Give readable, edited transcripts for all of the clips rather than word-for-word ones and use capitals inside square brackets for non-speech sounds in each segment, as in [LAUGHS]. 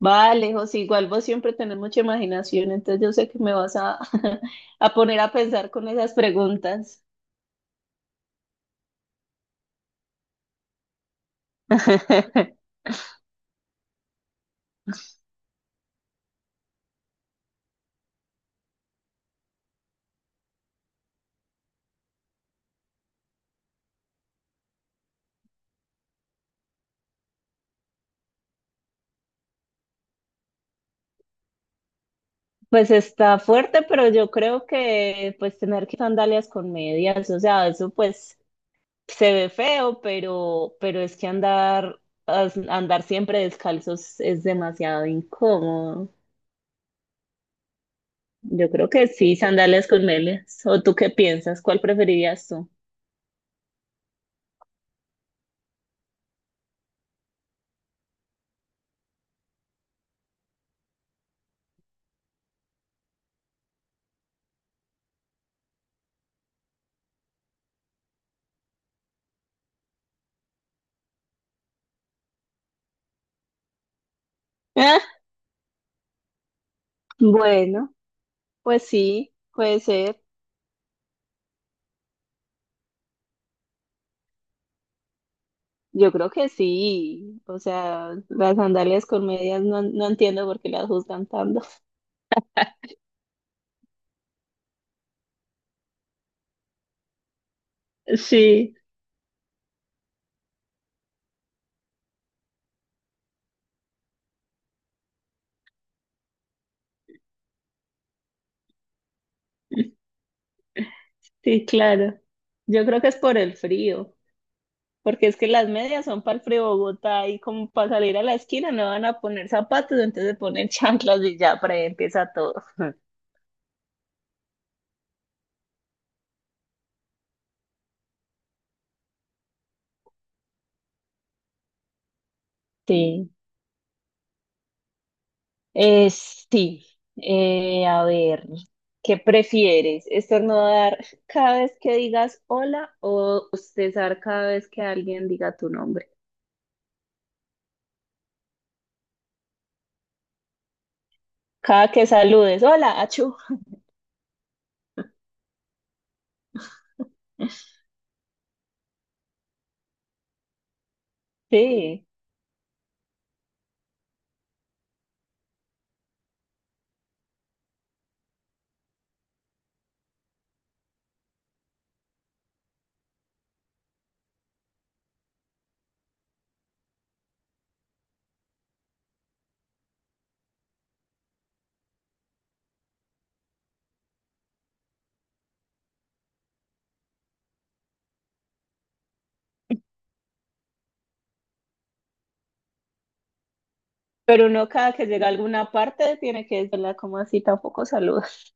Vale, José, igual vos siempre tenés mucha imaginación, entonces yo sé que me vas a, [LAUGHS] a poner a pensar con esas preguntas. [LAUGHS] Pues está fuerte, pero yo creo que pues tener que sandalias con medias, o sea, eso pues se ve feo, pero es que andar, andar siempre descalzos es demasiado incómodo. Yo creo que sí, sandalias con medias. ¿O tú qué piensas? ¿Cuál preferirías tú? [LAUGHS] Bueno, pues sí, puede ser. Yo creo que sí, o sea, las sandalias con medias no entiendo por qué las juzgan tanto. [LAUGHS] Sí, sí, claro. Yo creo que es por el frío, porque es que las medias son para el frío de Bogotá y como para salir a la esquina no van a poner zapatos, entonces ponen [LAUGHS] chanclas y ya, para ahí empieza todo. Sí, sí, a ver, ¿qué prefieres? ¿Estornudar cada vez que digas hola o bostezar cada vez que alguien diga tu nombre? Cada que saludes, hola, achú. Sí, pero uno cada que llega a alguna parte tiene que decirla como así, tampoco saludas.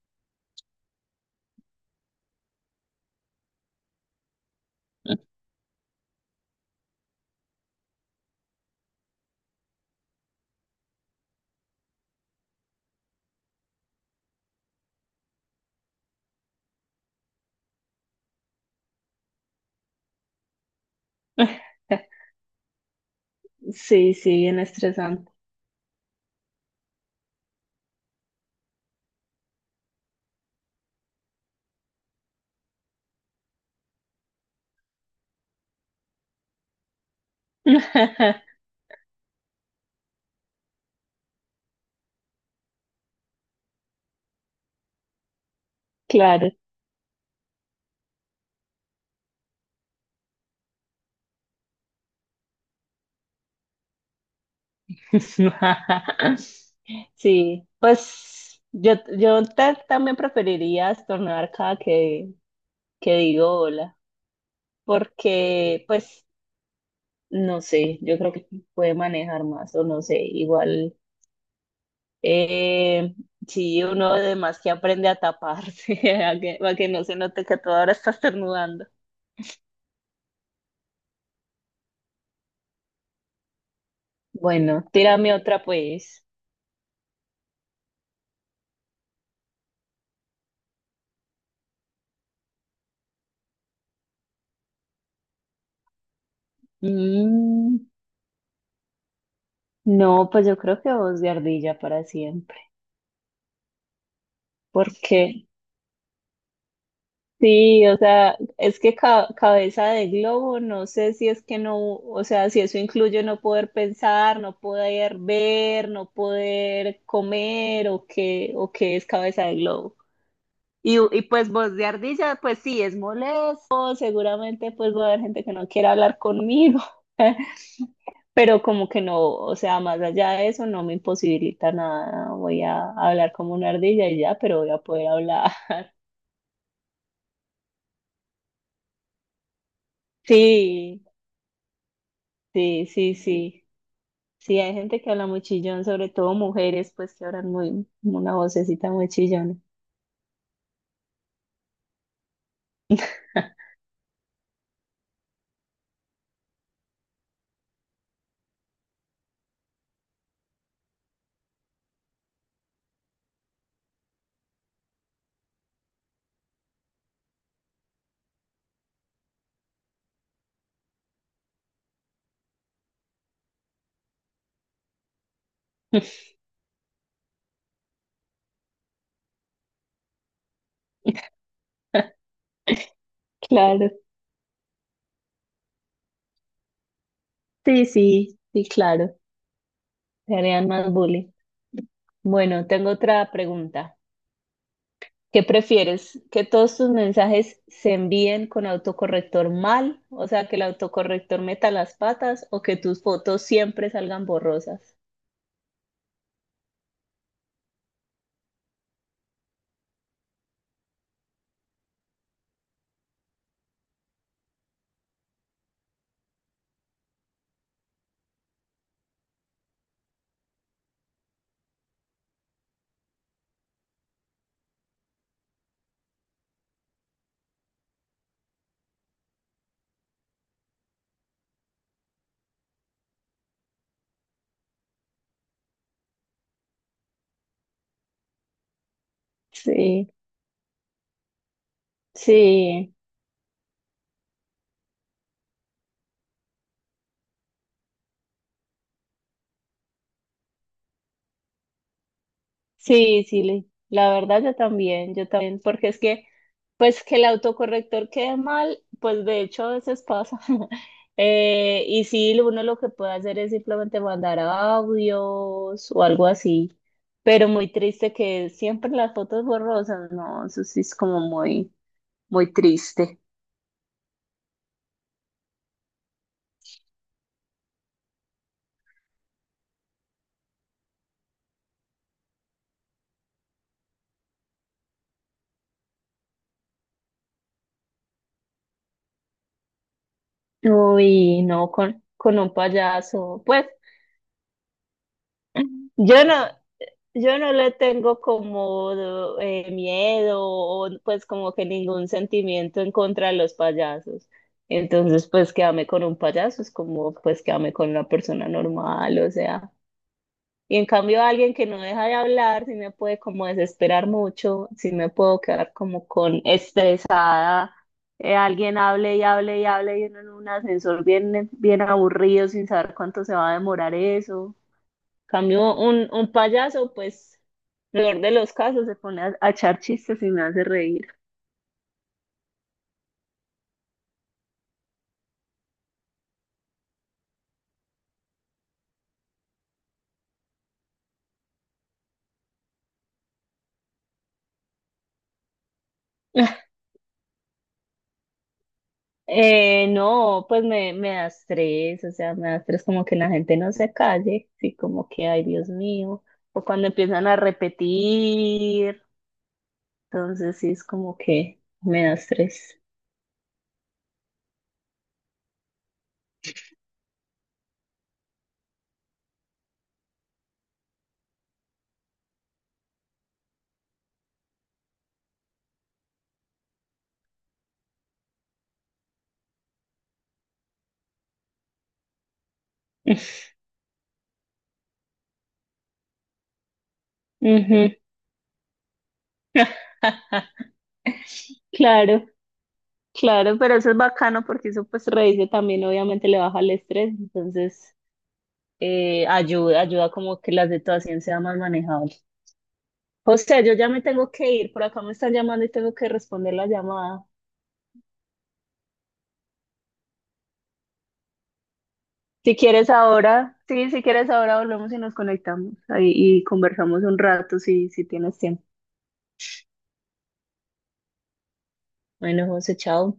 [LAUGHS] Sí, sí, bien estresante. [LAUGHS] Claro. [LAUGHS] Sí, pues yo ta- también preferiría estornudar cada que digo hola, porque pues no sé, yo creo que puede manejar más o no sé, igual. Eh, sí, uno además que aprende a taparse, [LAUGHS] a que no se note que tú ahora estás estornudando. Bueno, tírame otra pues. Mm, no, pues yo creo que voz de ardilla para siempre. Porque sí, o sea, es que cabeza de globo, no sé si es que no, o sea, si eso incluye no poder pensar, no poder ver, no poder comer o qué es cabeza de globo. Y pues voz de ardilla, pues sí, es molesto, seguramente pues va a haber gente que no quiera hablar conmigo, [LAUGHS] pero como que no, o sea, más allá de eso no me imposibilita nada, voy a hablar como una ardilla y ya, pero voy a poder hablar. [LAUGHS] Sí, sí, sí, sí, sí, hay gente que habla muy chillón, sobre todo mujeres, pues que hablan muy, una vocecita muy chillona. [LAUGHS] Claro, sí, sí, sí, claro, se harían más bullying. Bueno, tengo otra pregunta. ¿Qué prefieres? ¿Que todos tus mensajes se envíen con autocorrector mal? O sea, que el autocorrector meta las patas o que tus fotos siempre salgan borrosas. Sí, sí. Sí, sí, le- la verdad yo también, porque es que, pues que el autocorrector quede mal, pues de hecho a veces pasa. [LAUGHS] Y sí, uno lo que puede hacer es simplemente mandar audios o algo así, pero muy triste que siempre las fotos borrosas, no, eso sí es como muy, muy triste. Uy, no, con un payaso, pues [LAUGHS] yo no. Yo no le tengo como miedo o pues como que ningún sentimiento en contra de los payasos. Entonces, pues que con un payaso es como pues que con una persona normal, o sea. Y en cambio alguien que no deja de hablar, sí me puede como desesperar mucho, sí me puedo quedar como con estresada. Alguien hable y hable y hable y uno en un ascensor bien, bien aburrido sin saber cuánto se va a demorar eso. Cambio un payaso, pues, peor de los casos, se pone a echar chistes y me hace reír. [LAUGHS] No, pues me da estrés, o sea, me da estrés como que la gente no se calle, sí, como que, ay, Dios mío, o cuando empiezan a repetir, entonces sí es como que me da estrés. [LAUGHS] Ujú. [LAUGHS] Claro, claro, pero eso es bacano porque eso pues reírse también obviamente le baja el estrés, entonces ayuda, ayuda como que la situación sea más manejable. José, yo ya me tengo que ir, por acá me están llamando y tengo que responder la llamada. Si quieres ahora, sí, si quieres ahora volvemos y nos conectamos ahí y conversamos un rato si, si tienes tiempo. Bueno, José, chao.